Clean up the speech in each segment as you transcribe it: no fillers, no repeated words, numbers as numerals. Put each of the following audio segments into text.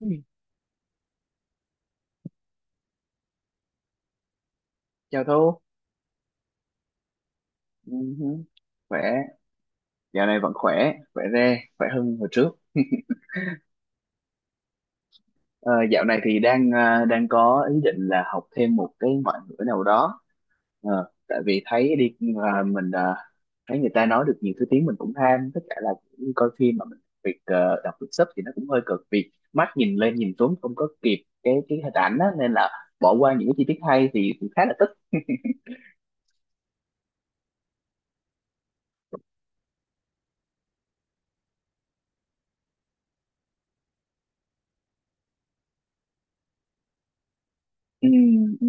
Ừ, chào Thu, ừ, hứ. Khỏe, dạo này vẫn khỏe, khỏe re, khỏe hơn hồi trước. Ờ, Dạo này thì đang đang có ý định là học thêm một cái ngoại ngữ nào đó. Tại vì thấy đi mình, thấy người ta nói được nhiều thứ tiếng mình cũng ham, tất cả là cũng coi phim mà mình việc đọc được sub thì nó cũng hơi cực vì mắt nhìn lên nhìn xuống không có kịp cái hình ảnh á, nên là bỏ qua những cái chi tiết hay thì cũng khá là tức. Ừ, ừ.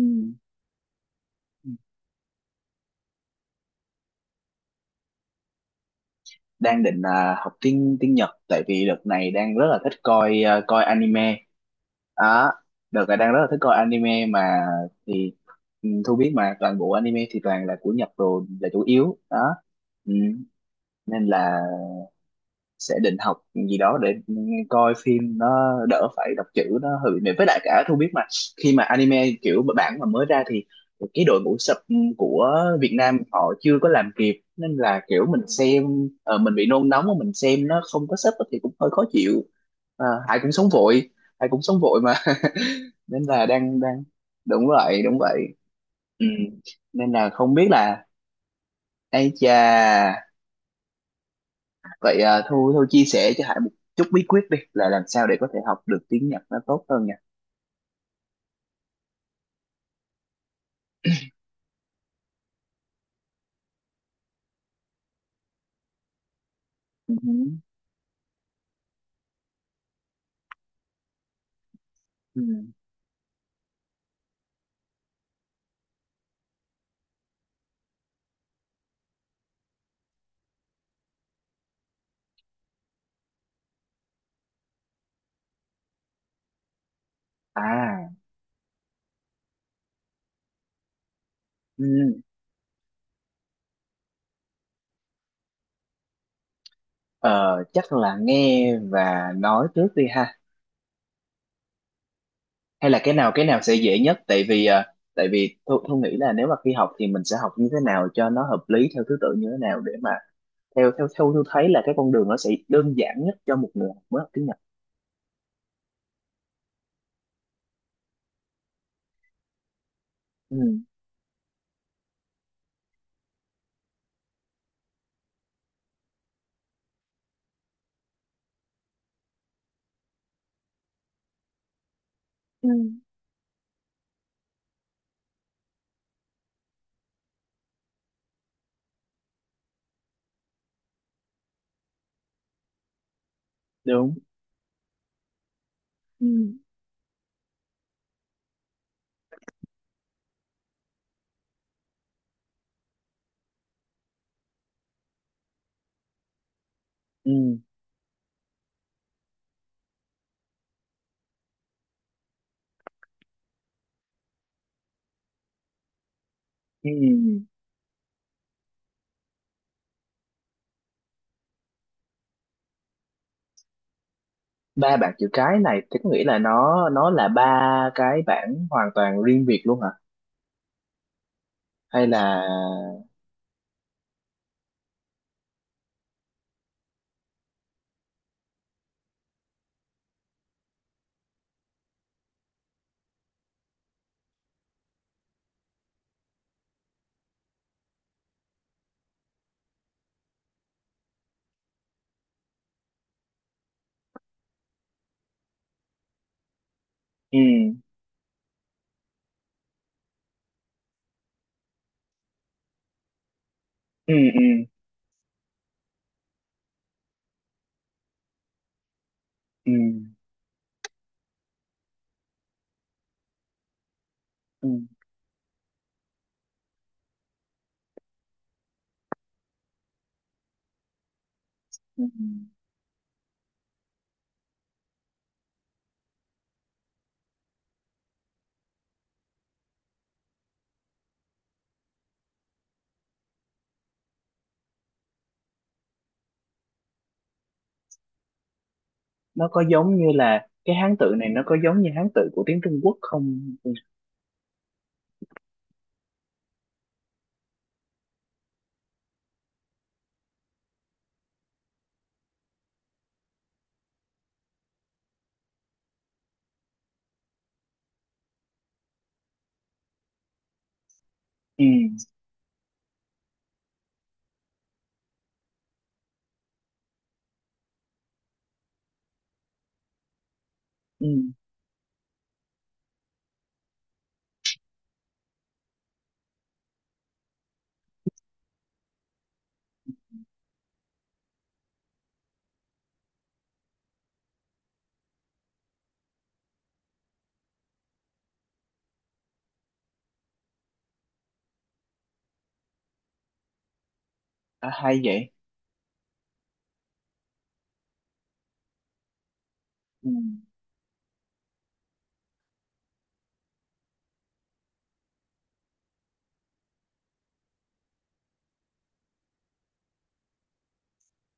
Đang định học tiếng tiếng Nhật, tại vì đợt này đang rất là thích coi coi anime đó. Đợt này đang rất là thích coi anime mà thì ừ, Thu biết mà toàn bộ anime thì toàn là của Nhật rồi là chủ yếu đó. Ừ, nên là sẽ định học gì đó để coi phim nó đỡ phải đọc chữ, nó hơi bị mệt, với lại cả Thu biết mà khi mà anime kiểu bản mà mới ra thì cái đội ngũ sub của Việt Nam họ chưa có làm kịp, nên là kiểu mình xem, mình bị nôn nóng mà mình xem nó không có sub thì cũng hơi khó chịu. À, ai cũng sống vội, ai cũng sống vội mà nên là đang đang đúng vậy, đúng vậy, ừ. Nên là không biết là, ai chà. Vậy Thu Thu chia sẻ cho Hải một chút bí quyết đi, là làm sao để có thể học được tiếng Nhật nó tốt hơn nha. Ừ. Ừ. À, ừ. Ờ, chắc là nghe và nói trước đi ha. Hay là cái nào, cái nào sẽ dễ nhất? Tại vì à, tại vì Thu, Thu nghĩ là nếu mà khi học thì mình sẽ học như thế nào cho nó hợp lý, theo thứ tự như thế nào, để mà theo theo theo Thu thấy là cái con đường nó sẽ đơn giản nhất cho một người học mới học tiếng Nhật. Ừ. Ừ. Đúng. Ừ. Ừ. Ừ. Ba bảng chữ cái này thì có nghĩa là nó là ba cái bảng hoàn toàn riêng biệt luôn hả, hay là ừ, ừ, ừ, ừ, ừ, ừ. Nó có giống như là cái Hán tự này, nó có giống như Hán tự của tiếng Trung Quốc không? Ừ, ừ, ừ. À, hay vậy. Ừ,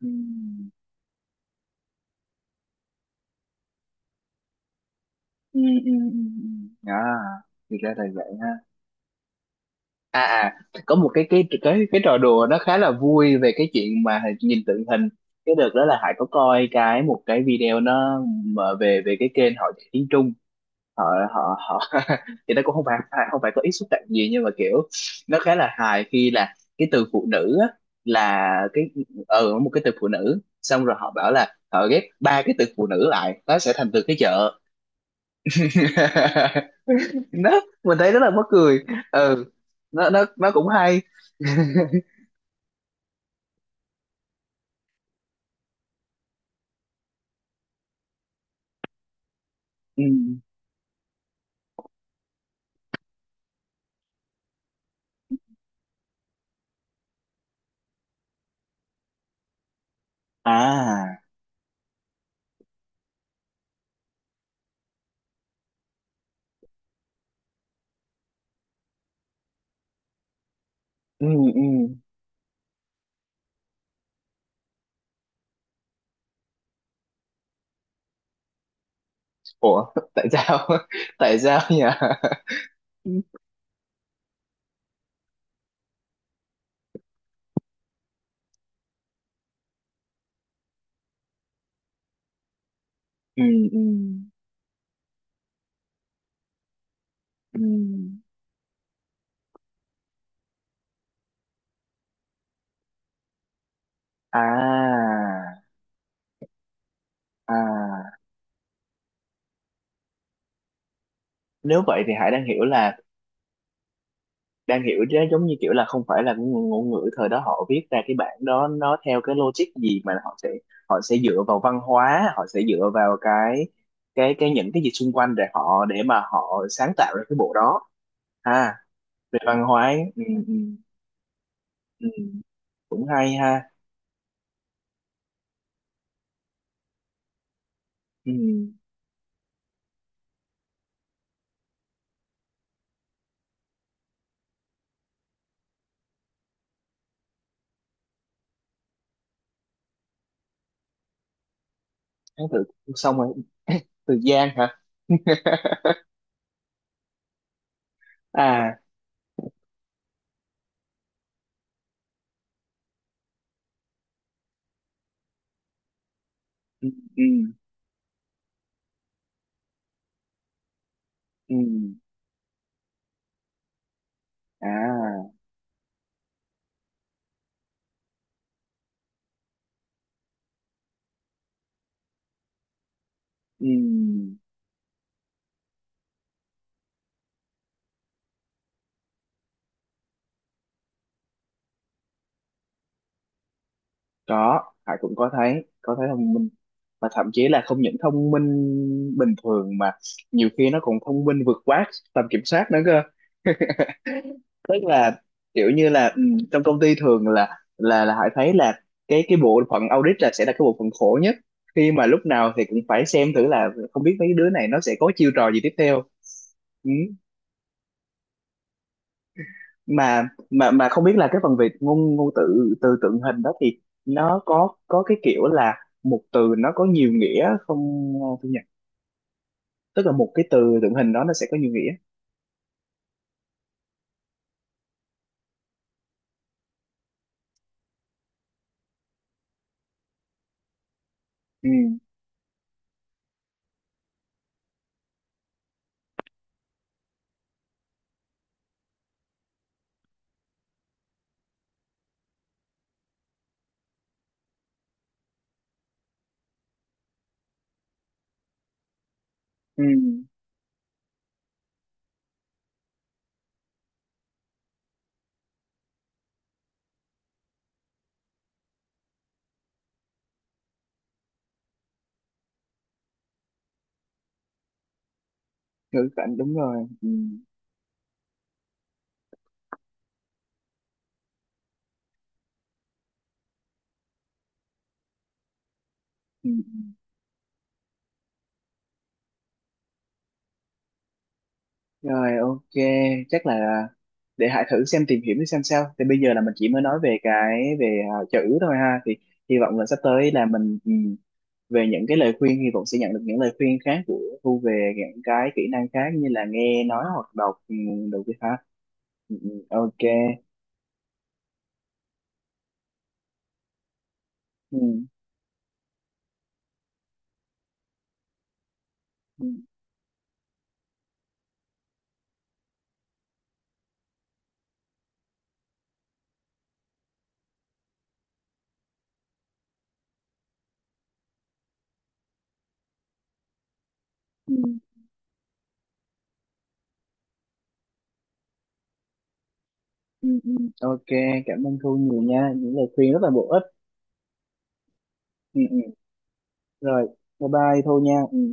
ừ, ừ, ừ, ừ. Ừ. À, thì ra là vậy ha. À, à, có một cái cái trò đùa nó khá là vui về cái chuyện mà nhìn tượng hình. Cái đợt đó là Hải có coi cái một cái video nó mà về về cái kênh họ dạy tiếng Trung, họ họ họ thì nó cũng không phải có ý xúc phạm gì, nhưng mà kiểu nó khá là hài. Khi là cái từ phụ nữ á, là cái, ừ, một cái từ phụ nữ, xong rồi họ bảo là họ ghép ba cái từ phụ nữ lại nó sẽ thành từ cái chợ. Đó, mình thấy rất là mắc cười. Ừ, nó cũng hay. Ừ. À, ừ, ừ. Ủa, tại sao? Tại sao nhỉ? Ừ, ừ, ừ. Ừ. À, à, nếu vậy thì Hải đang hiểu là, đang hiểu chứ, giống như kiểu là không phải là cái ngôn ngôn ngữ thời đó họ viết ra cái bản đó nó theo cái logic gì mà họ sẽ, họ sẽ dựa vào văn hóa, họ sẽ dựa vào cái những cái gì xung quanh để họ, để mà họ sáng tạo ra cái bộ đó. À, về văn hóa ấy. Ừ, ừ, ừ, ừ, cũng hay ha. Ừ. Ừ. Tháng tự, xong rồi Từ Giang hả. À, ừ, ừ, ừ. À, ừ. Có, Hải cũng có thấy, có thấy thông minh, và thậm chí là không những thông minh bình thường, mà nhiều khi nó còn thông minh vượt quá tầm kiểm soát nữa. Tức là kiểu như là ừ, trong công ty thường là là Hải thấy là cái bộ phận audit là sẽ là cái bộ phận khổ nhất, khi mà lúc nào thì cũng phải xem thử là không biết mấy đứa này nó sẽ có chiêu trò gì tiếp theo. Ừ. mà không biết là cái phần về ngôn ngôn từ từ tượng hình đó thì nó có cái kiểu là một từ nó có nhiều nghĩa không, Thu nhỉ? Tức là một cái từ tượng hình đó, nó sẽ có nhiều nghĩa. Ừ, ừ, ngữ cảnh đúng rồi. Ừ. Rồi, ok, chắc là để Hải thử xem, tìm hiểu xem sao. Thì bây giờ là mình chỉ mới nói về cái về chữ thôi ha. Thì hy vọng là sắp tới là mình ừ, về những cái lời khuyên, hy vọng sẽ nhận được những lời khuyên khác của Thu về những cái kỹ năng khác như là nghe nói hoặc đọc, ừ, đồ kia ha. Ừ, ừ, ok. Ừ, ừ, ừ, ừ. Ok, cảm ơn Thu nhiều nha. Những lời khuyên rất là bổ ích. Ừ, ừ. Rồi, bye bye Thu nha.